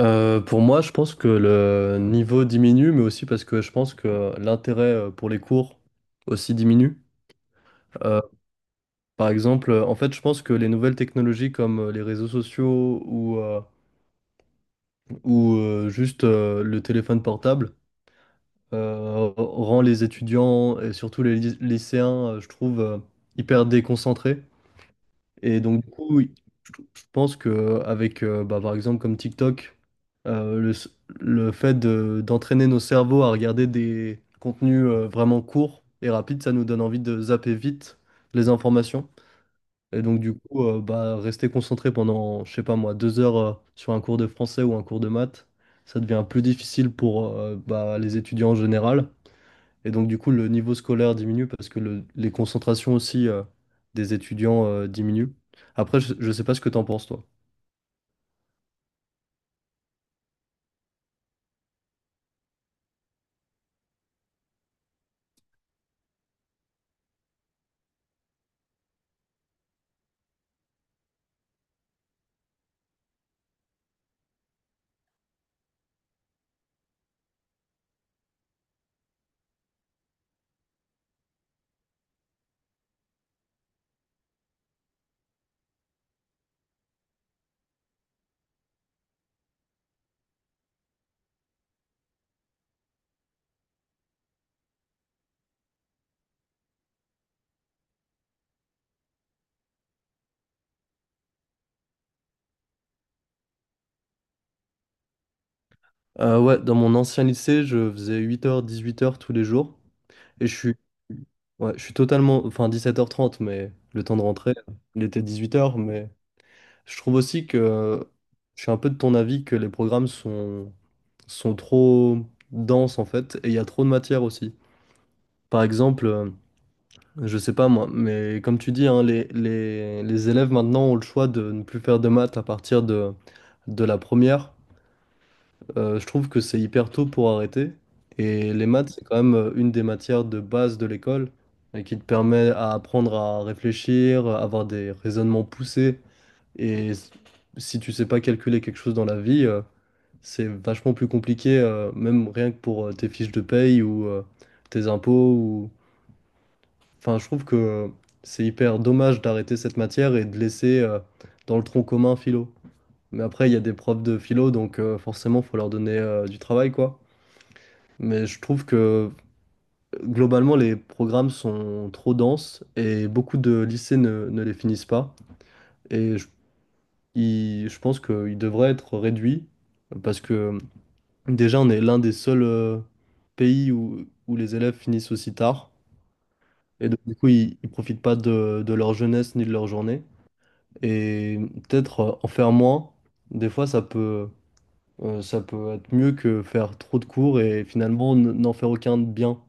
Pour moi, je pense que le niveau diminue, mais aussi parce que je pense que l'intérêt pour les cours aussi diminue. Euh, En fait, je pense que les nouvelles technologies comme les réseaux sociaux ou juste le téléphone portable rend les étudiants et surtout les lycéens, je trouve, hyper déconcentrés. Et donc, du coup, oui, je pense que par exemple, comme TikTok, euh, le, s- le fait d'entraîner nos cerveaux à regarder des contenus vraiment courts et rapides, ça nous donne envie de zapper vite les informations. Et donc, du coup, rester concentré pendant, je sais pas moi, 2 heures sur un cours de français ou un cours de maths, ça devient plus difficile pour les étudiants en général. Et donc, du coup, le niveau scolaire diminue parce que les concentrations aussi des étudiants diminuent. Après, je sais pas ce que t'en penses, toi. Ouais, dans mon ancien lycée, je faisais 8h, 18h tous les jours. Et je suis, ouais, je suis totalement, enfin 17h30, mais le temps de rentrer, il était 18h. Mais je trouve aussi que je suis un peu de ton avis que les programmes sont trop denses, en fait, et il y a trop de matière aussi. Par exemple, je sais pas moi, mais comme tu dis, hein, les élèves maintenant ont le choix de ne plus faire de maths à partir de la première. Je trouve que c'est hyper tôt pour arrêter. Et les maths, c'est quand même une des matières de base de l'école et qui te permet à apprendre à réfléchir, à avoir des raisonnements poussés. Et s- Si tu sais pas calculer quelque chose dans la vie, c'est vachement plus compliqué, même rien que pour tes fiches de paye ou tes impôts. Enfin, je trouve que c'est hyper dommage d'arrêter cette matière et de laisser dans le tronc commun philo. Mais après, il y a des profs de philo, donc forcément, faut leur donner du travail, quoi. Mais je trouve que globalement, les programmes sont trop denses et beaucoup de lycées ne les finissent pas. Et je, je pense qu'ils devraient être réduits parce que déjà, on est l'un des seuls pays où les élèves finissent aussi tard. Et donc, du coup, ils ne profitent pas de leur jeunesse ni de leur journée. Et peut-être en faire moins. Des fois, ça peut être mieux que faire trop de cours et finalement n'en faire aucun de bien.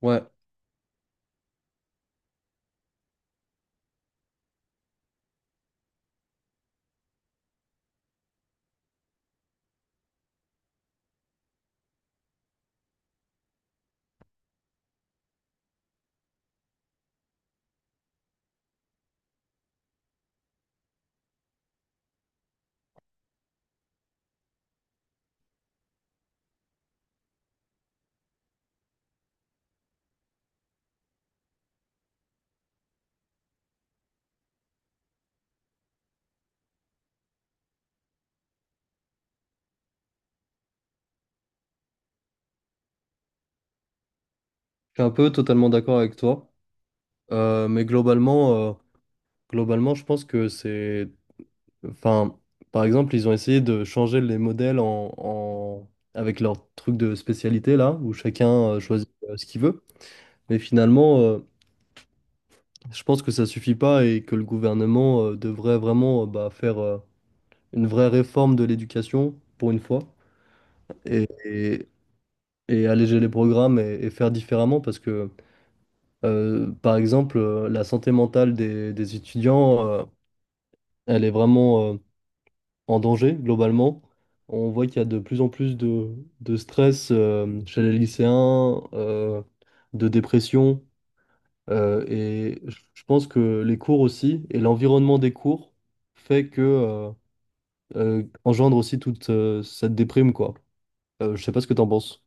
Ouais, je suis un peu totalement d'accord avec toi. Euh, mais globalement, euh, Globalement, je pense que c'est... Enfin, par exemple, ils ont essayé de changer les modèles avec leur truc de spécialité, là, où chacun choisit ce qu'il veut. Mais finalement, je pense que ça suffit pas et que le gouvernement devrait vraiment faire... une vraie réforme de l'éducation, pour une fois, et, et- et alléger les programmes et faire différemment, parce que, la santé mentale des étudiants, elle est vraiment, euh, en danger, globalement. On voit qu'il y a de plus en plus de stress, chez les lycéens, de dépression, et je pense que les cours aussi, et l'environnement des cours, fait que... euh, engendre aussi toute cette déprime, quoi. Je sais pas ce que t'en penses.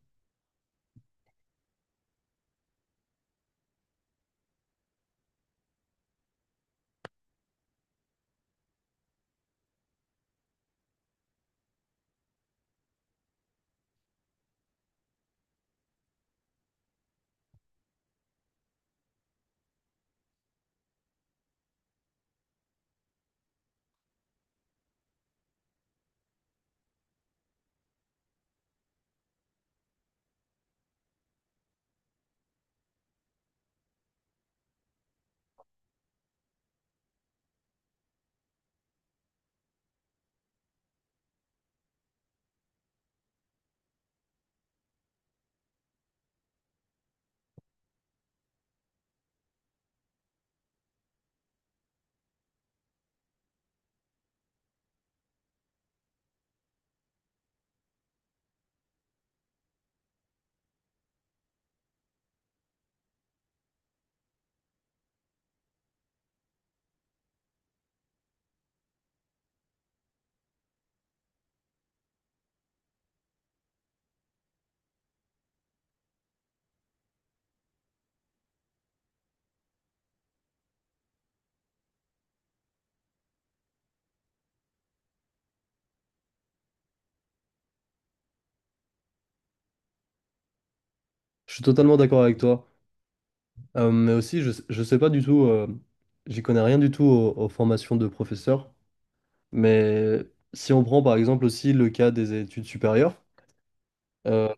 Je suis totalement d'accord avec toi. Je sais pas du tout, j'y connais rien du tout aux formations de professeurs. Mais si on prend par exemple aussi le cas des études supérieures, euh,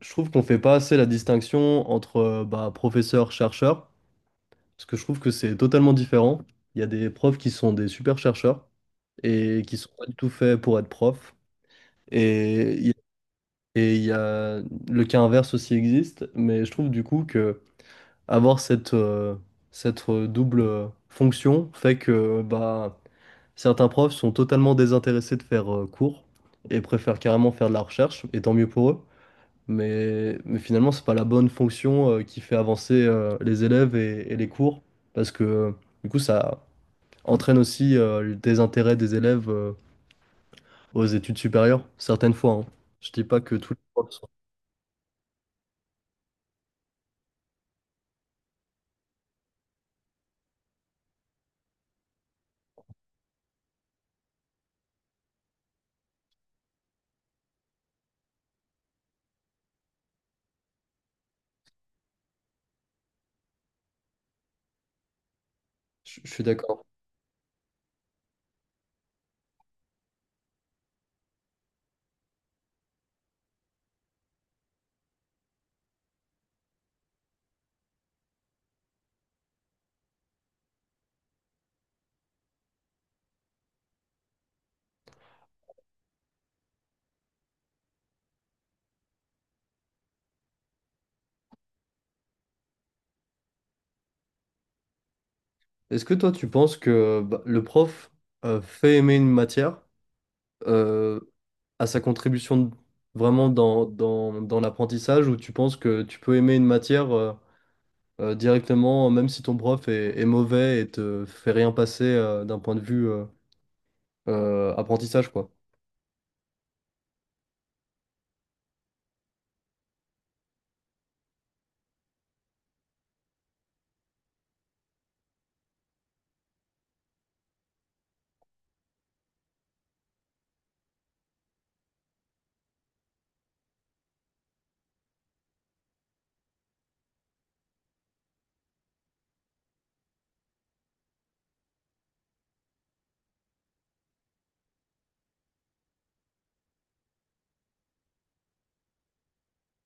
je trouve qu'on fait pas assez la distinction entre professeur-chercheur, parce que je trouve que c'est totalement différent. Il y a des profs qui sont des super chercheurs et qui sont pas du tout faits pour être profs. Et il y et il y a le cas inverse aussi existe, mais je trouve du coup que avoir cette, cette double fonction fait que bah, certains profs sont totalement désintéressés de faire cours et préfèrent carrément faire de la recherche, et tant mieux pour eux. Mais finalement, c'est pas la bonne fonction qui fait avancer les élèves et les cours, parce que du coup, ça entraîne aussi le désintérêt des élèves aux études supérieures, certaines fois, hein. Je dis pas que tous les profs... je suis d'accord. Est-ce que toi, tu penses que bah, le prof fait aimer une matière euh, à sa contribution vraiment dans l'apprentissage, ou tu penses que tu peux aimer une matière directement, même si ton prof est mauvais et te fait rien passer d'un point de vue apprentissage, quoi?